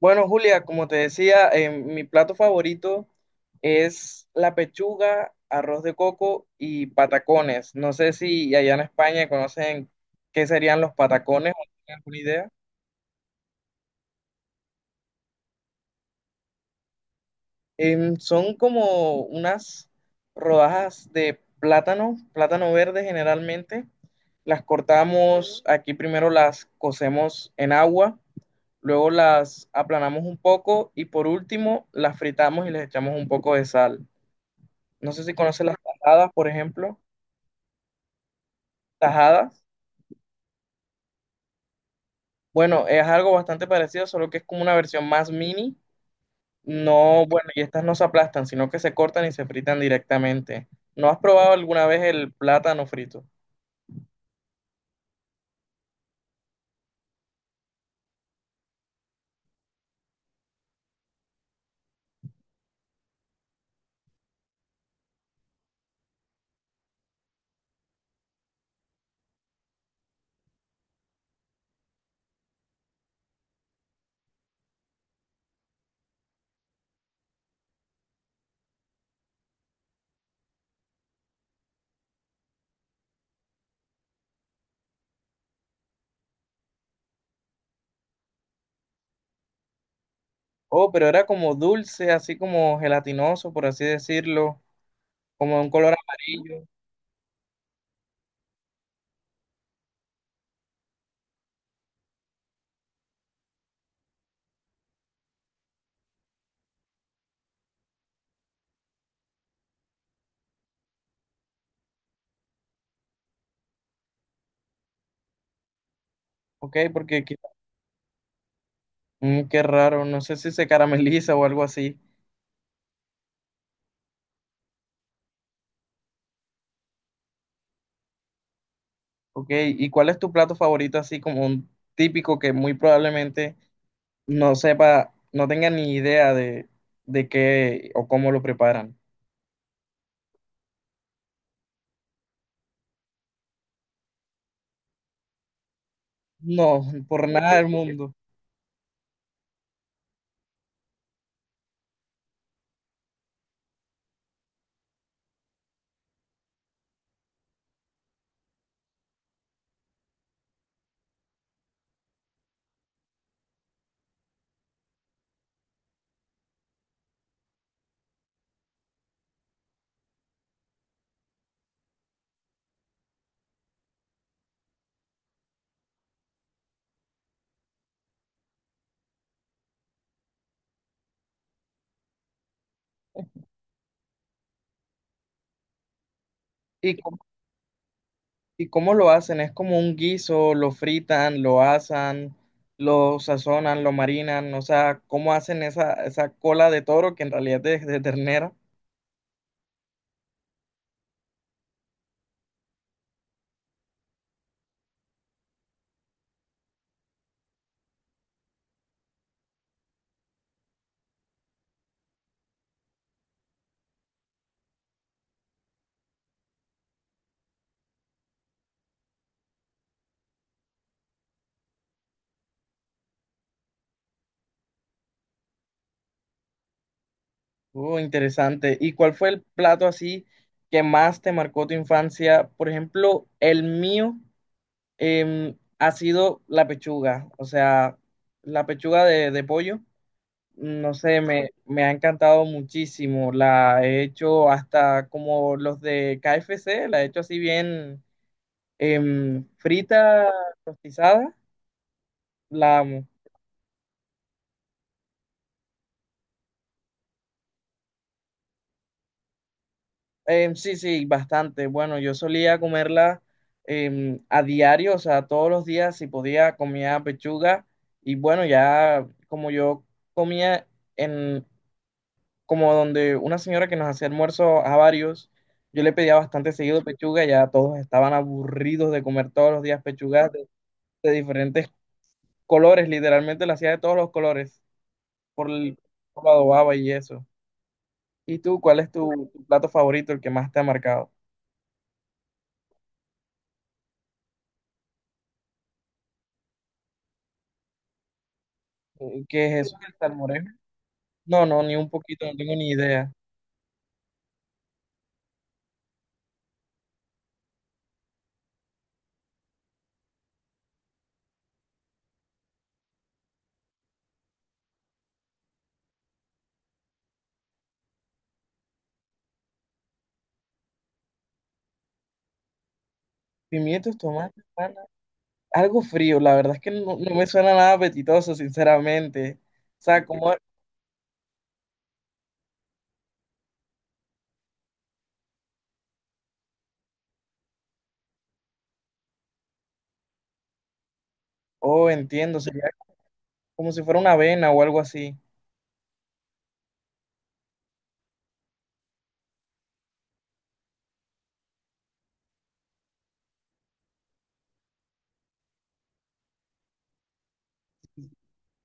Bueno, Julia, como te decía, mi plato favorito es la pechuga, arroz de coco y patacones. No sé si allá en España conocen qué serían los patacones o tienen alguna idea. Son como unas rodajas de plátano, plátano verde generalmente. Las cortamos, aquí primero las cocemos en agua, luego las aplanamos un poco y por último las fritamos y les echamos un poco de sal. No sé si conoces las tajadas, por ejemplo. Tajadas. Bueno, es algo bastante parecido, solo que es como una versión más mini. No, bueno, y estas no se aplastan, sino que se cortan y se fritan directamente. ¿No has probado alguna vez el plátano frito? Oh, pero era como dulce, así como gelatinoso, por así decirlo, como de un color amarillo. Ok, porque qué raro, no sé si se carameliza o algo así. Ok, ¿y cuál es tu plato favorito, así como un típico que muy probablemente no sepa, no tenga ni idea de qué o cómo lo preparan? No, por nada del mundo. ¿Y cómo, ¿y cómo lo hacen? Es como un guiso, ¿lo fritan, lo asan, lo sazonan, lo marinan? O sea, ¿cómo hacen esa, esa cola de toro que en realidad es de ternera? Oh, interesante. ¿Y cuál fue el plato así que más te marcó tu infancia? Por ejemplo, el mío ha sido la pechuga, o sea, la pechuga de pollo. No sé, me ha encantado muchísimo. La he hecho hasta como los de KFC, la he hecho así bien, frita, rostizada. La amo. Sí, sí, bastante. Bueno, yo solía comerla, a diario, o sea, todos los días si podía comía pechuga. Y bueno, ya como yo comía en, como donde una señora que nos hacía almuerzo a varios, yo le pedía bastante seguido pechuga, ya todos estaban aburridos de comer todos los días pechugas de diferentes colores, literalmente la hacía de todos los colores, por el por lo adobaba y eso. ¿Y tú, cuál es tu plato favorito, el que más te ha marcado? ¿Qué es eso? ¿El salmorejo? No, no, ni un poquito, no tengo ni idea. Pimientos, tomates, pana. Algo frío, la verdad es que no, no me suena nada apetitoso, sinceramente. O sea, como, oh, entiendo, sería como si fuera una avena o algo así.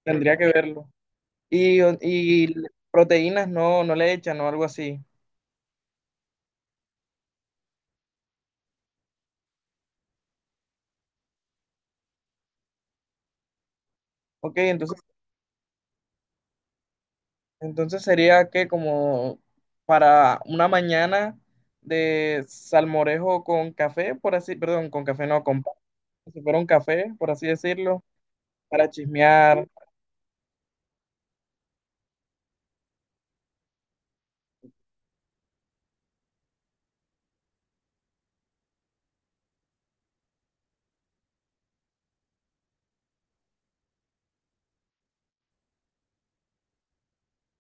Tendría que verlo. Y proteínas no, no le echan o algo así. Ok, entonces, entonces sería que como para una mañana de salmorejo con café, por así, perdón, con café no, con pan, como si fuera un café, por así decirlo, para chismear.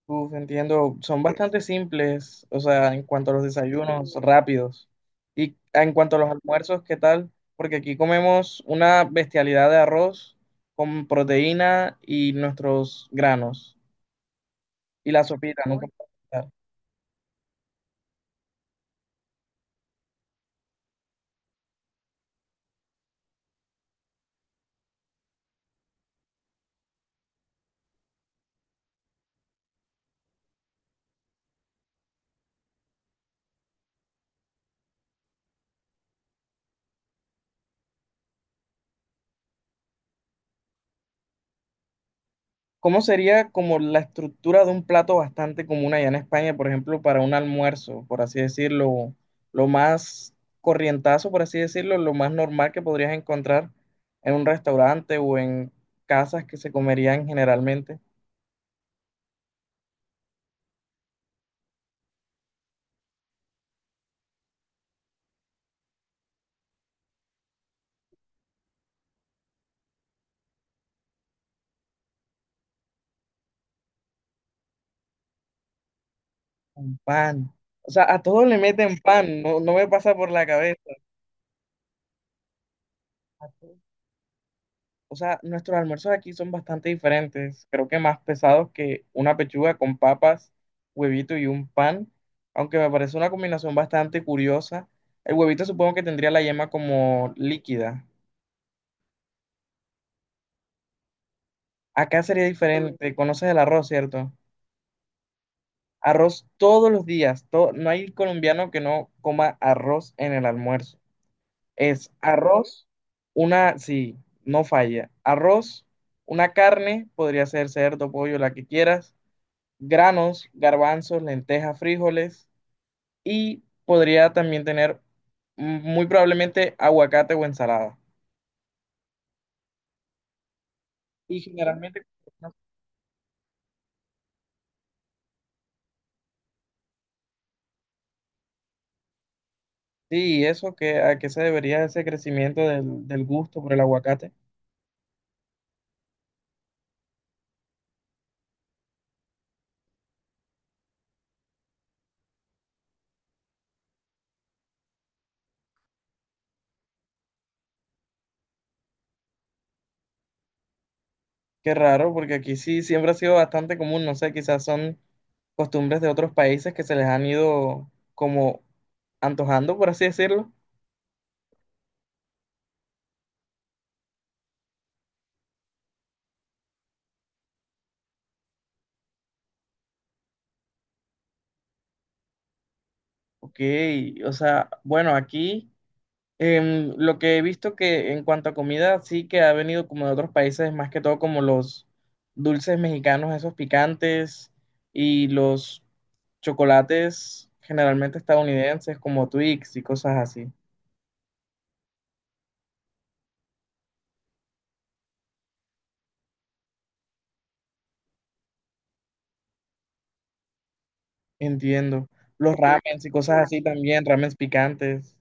Uf, entiendo, son bastante simples, o sea, en cuanto a los desayunos, rápidos. Y en cuanto a los almuerzos, ¿qué tal? Porque aquí comemos una bestialidad de arroz con proteína y nuestros granos. Y la sopita, uy, nunca puede faltar. ¿Cómo sería como la estructura de un plato bastante común allá en España, por ejemplo, para un almuerzo, por así decirlo, lo más corrientazo, por así decirlo, lo más normal que podrías encontrar en un restaurante o en casas que se comerían generalmente? ¿Un pan? O sea, ¿a todos le meten pan? No, no me pasa por la cabeza. O sea, nuestros almuerzos aquí son bastante diferentes, creo que más pesados que una pechuga con papas, huevito y un pan, aunque me parece una combinación bastante curiosa. El huevito supongo que tendría la yema como líquida. Acá sería diferente, conoces el arroz, ¿cierto? Arroz todos los días, no hay colombiano que no coma arroz en el almuerzo. Es arroz, una, sí, no falla, arroz, una carne, podría ser cerdo, pollo, la que quieras, granos, garbanzos, lentejas, frijoles, y podría también tener, muy probablemente aguacate o ensalada. Y generalmente, sí, eso, que ¿a qué se debería ese crecimiento del gusto por el aguacate? Qué raro, porque aquí sí siempre ha sido bastante común, no sé, quizás son costumbres de otros países que se les han ido como antojando, por así decirlo. Ok, o sea, bueno, aquí lo que he visto que en cuanto a comida, sí que ha venido como de otros países, más que todo como los dulces mexicanos, esos picantes, y los chocolates generalmente estadounidenses como Twix y cosas así. Entiendo. Los ramens y cosas así también, ramens picantes.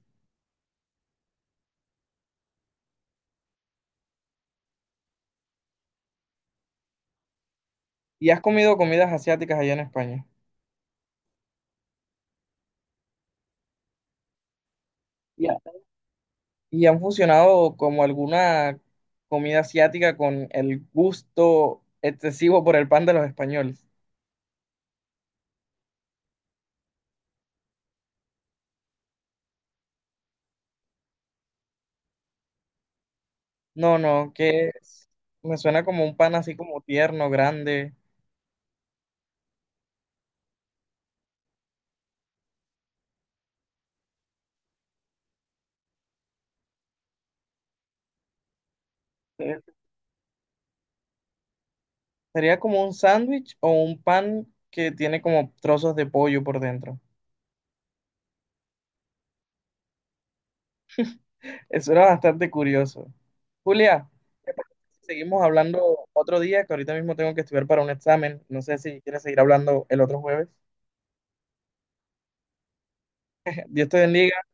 ¿Y has comido comidas asiáticas allá en España? ¿Y han fusionado como alguna comida asiática con el gusto excesivo por el pan de los españoles? No, no, me suena como un pan así como tierno, grande. Eh, Sería como un sándwich o un pan que tiene como trozos de pollo por dentro. Eso era bastante curioso. Julia, ¿te parece si seguimos hablando otro día? Que ahorita mismo tengo que estudiar para un examen. No sé si quieres seguir hablando el otro jueves. Dios te bendiga.